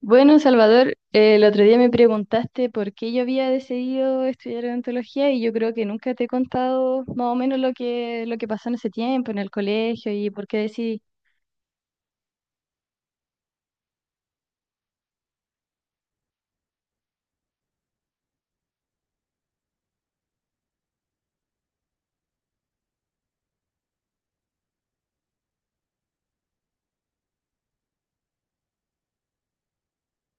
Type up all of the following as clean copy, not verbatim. Bueno, Salvador, el otro día me preguntaste por qué yo había decidido estudiar odontología y yo creo que nunca te he contado más o menos lo que pasó en ese tiempo, en el colegio y por qué decidí.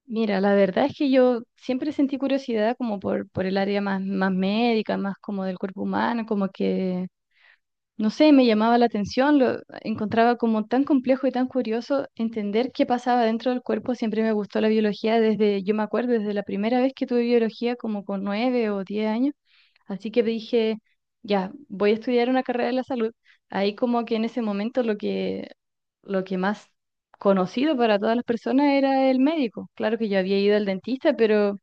Mira, la verdad es que yo siempre sentí curiosidad como por el área más médica, más como del cuerpo humano, como que no sé, me llamaba la atención, lo encontraba como tan complejo y tan curioso entender qué pasaba dentro del cuerpo. Siempre me gustó la biología desde, yo me acuerdo, desde la primera vez que tuve biología, como con 9 o 10 años. Así que dije, ya, voy a estudiar una carrera de la salud. Ahí como que en ese momento lo que más conocido para todas las personas era el médico. Claro que yo había ido al dentista, pero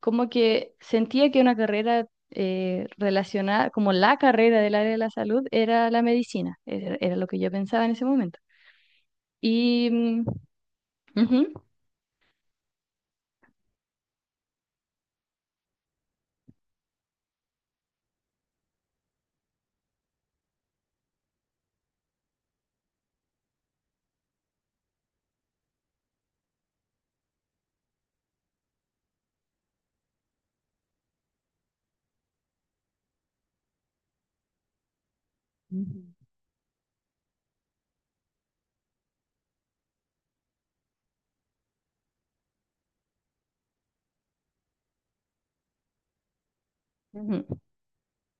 como que sentía que una carrera relacionada, como la carrera del área de la salud, era la medicina, era lo que yo pensaba en ese momento. Y, mm. Ujú. Ujú. Ujú.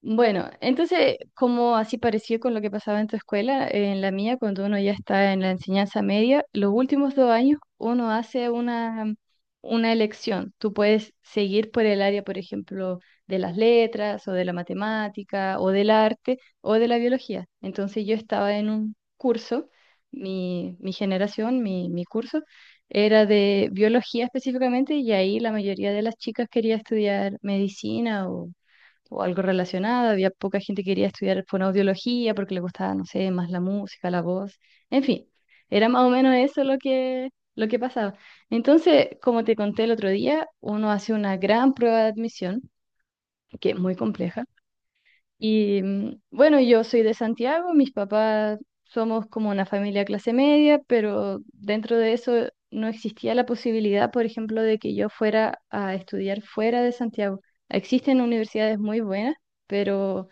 Bueno, entonces, como así pareció con lo que pasaba en tu escuela, en la mía, cuando uno ya está en la enseñanza media, los últimos dos años uno hace una elección. Tú puedes seguir por el área, por ejemplo, de las letras o de la matemática o del arte o de la biología. Entonces yo estaba en un curso, mi generación, mi curso, era de biología específicamente y ahí la mayoría de las chicas quería estudiar medicina o algo relacionado. Había poca gente que quería estudiar fonoaudiología porque le gustaba, no sé, más la música, la voz. En fin, era más o menos eso lo que pasaba. Entonces, como te conté el otro día, uno hace una gran prueba de admisión, que es muy compleja. Y bueno, yo soy de Santiago, mis papás somos como una familia clase media, pero dentro de eso no existía la posibilidad, por ejemplo, de que yo fuera a estudiar fuera de Santiago. Existen universidades muy buenas, pero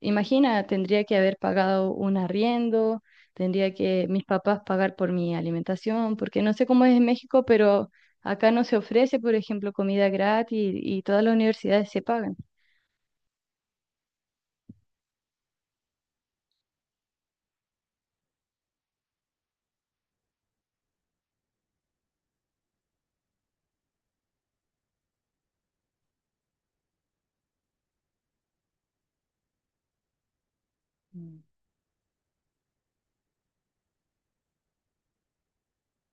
imagina, tendría que haber pagado un arriendo, tendría que mis papás pagar por mi alimentación, porque no sé cómo es en México, pero acá no se ofrece, por ejemplo, comida gratis y todas las universidades se pagan. Mm.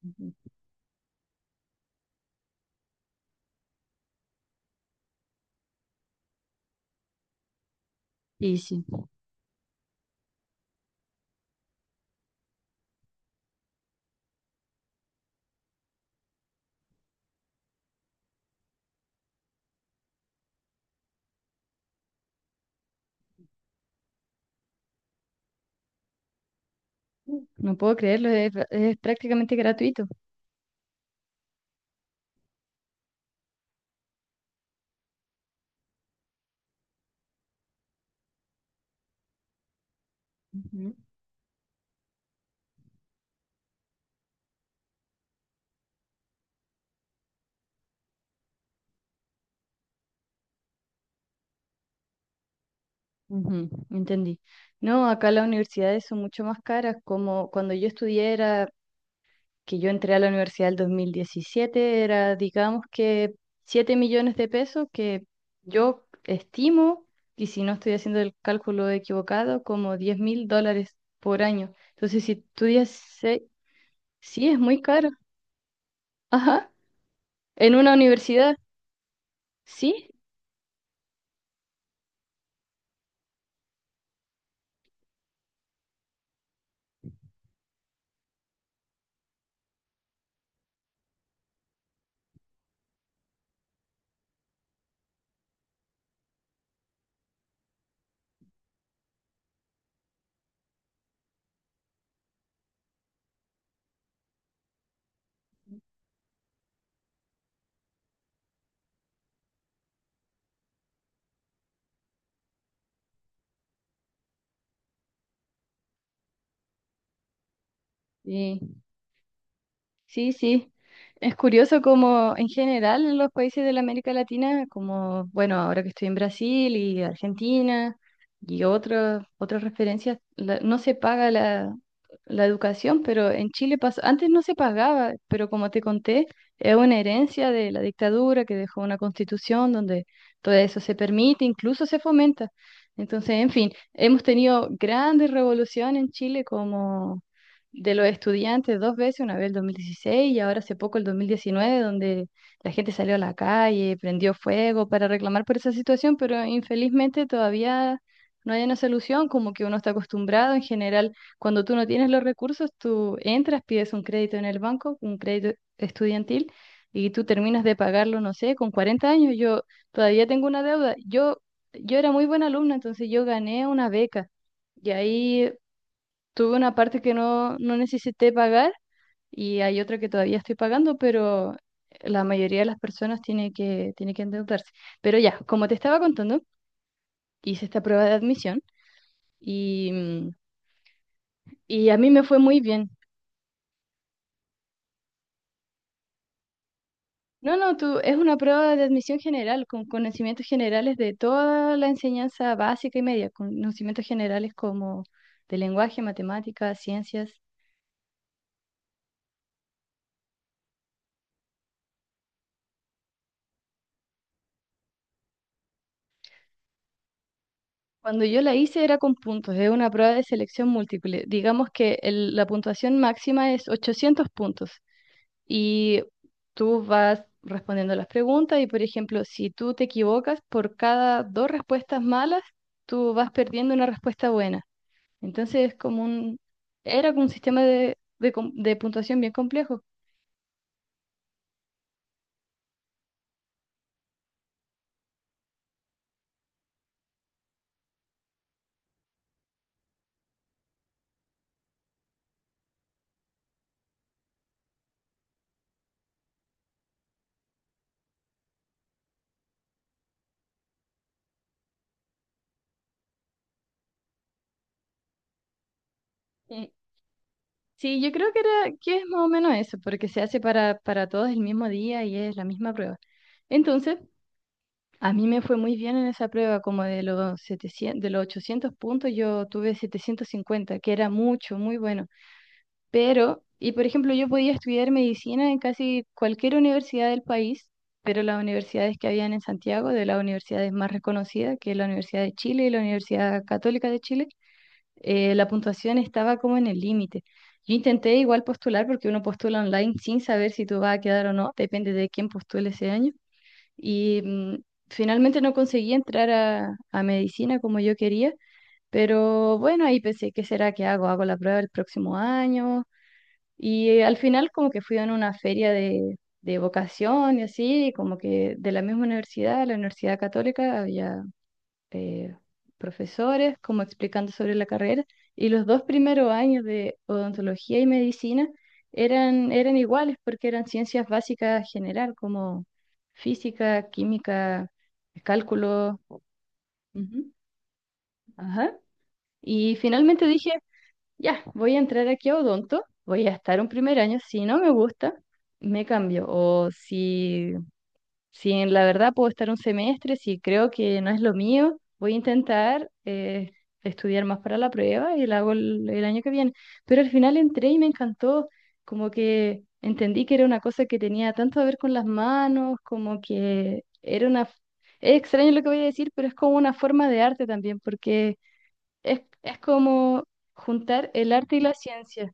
Ujú. Y sí, no puedo creerlo, es prácticamente gratuito. Ujú. Ujú, entendí. No, acá las universidades son mucho más caras, como cuando yo estudié era que yo entré a la universidad el 2017, era, digamos que 7 millones de pesos que yo estimo, y si no estoy haciendo el cálculo equivocado, como 10.000 dólares por año. Entonces, si estudias, sí, es muy caro. Ajá, en una universidad. Sí, sí. Sí, sí. Es curioso como en general en los países de la América Latina, como, bueno, ahora que estoy en Brasil y Argentina y otras referencias, no se paga la educación, pero en Chile pasó, antes no se pagaba, pero como te conté, es una herencia de la dictadura que dejó una constitución donde todo eso se permite, incluso se fomenta. Entonces, en fin, hemos tenido grandes revoluciones en Chile como de los estudiantes dos veces, una vez el 2016 y ahora hace poco el 2019, donde la gente salió a la calle, prendió fuego para reclamar por esa situación, pero infelizmente todavía no hay una solución, como que uno está acostumbrado en general, cuando tú no tienes los recursos, tú entras, pides un crédito en el banco, un crédito estudiantil. Y tú terminas de pagarlo, no sé, con 40 años. Yo todavía tengo una deuda. Yo era muy buena alumna, entonces yo gané una beca. Y ahí tuve una parte que no, no necesité pagar y hay otra que todavía estoy pagando, pero la mayoría de las personas tiene que endeudarse. Pero ya, como te estaba contando, hice esta prueba de admisión y, mm, y a mí me fue muy bien. No, no, tú, es una prueba de admisión general, con conocimientos generales de toda la enseñanza básica y media, con conocimientos generales como de lenguaje, matemáticas, ciencias. Cuando yo la hice era con puntos, es una prueba de selección múltiple. Digamos que la puntuación máxima es 800 puntos y tú vas respondiendo las preguntas y, por ejemplo, si tú te equivocas por cada dos respuestas malas, tú vas perdiendo una respuesta buena. Entonces es como un, era como un sistema de puntuación bien complejo. Y sí, yo creo que es más o menos eso, porque se hace para todos el mismo día y es la misma prueba. Entonces... A mí me fue muy bien en esa prueba, como de los 700, de los 800 puntos yo tuve 750, que era mucho, muy bueno. Pero, y por ejemplo, yo podía estudiar medicina en casi cualquier universidad del país, pero las universidades que habían en Santiago, de las universidades más reconocidas, que es la Universidad de Chile y la Universidad Católica de Chile, la puntuación estaba como en el límite. Yo intenté igual postular porque uno postula online sin saber si tú vas a quedar o no, depende de quién postule ese año y finalmente no conseguí entrar a medicina como yo quería, pero bueno, ahí pensé, ¿qué será que hago? ¿Hago la prueba el próximo año? Y al final como que fui a una feria de vocación y así, como que de la misma universidad, la Universidad Católica, había eh, profesores como explicando sobre la carrera y los dos primeros años de odontología y medicina eran iguales porque eran ciencias básicas general como física, química, cálculo. Ujú. Ajá. Y finalmente dije, ya, voy a entrar aquí a odonto, voy a estar un primer año, si no me gusta, me cambio. O si si en la verdad puedo estar un semestre, si creo que no es lo mío, voy a intentar estudiar más para la prueba y la hago el año que viene. Pero al final entré y me encantó, como que entendí que era una cosa que tenía tanto que ver con las manos, como que era una. Es extraño lo que voy a decir, pero es como una forma de arte también, porque es como juntar el arte y la ciencia.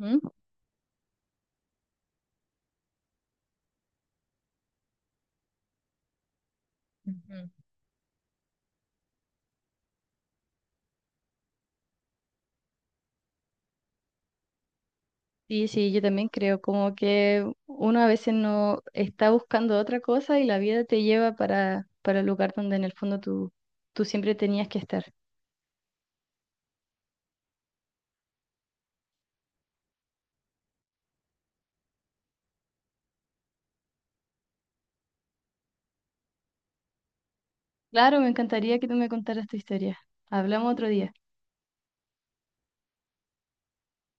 Ujú. Ujú. Sí, sí, yo también creo como que uno a veces no está buscando otra cosa y la vida te lleva para el lugar donde en el fondo tú, siempre tenías que estar. Claro, me encantaría que tú me contaras tu historia. Hablamos otro día.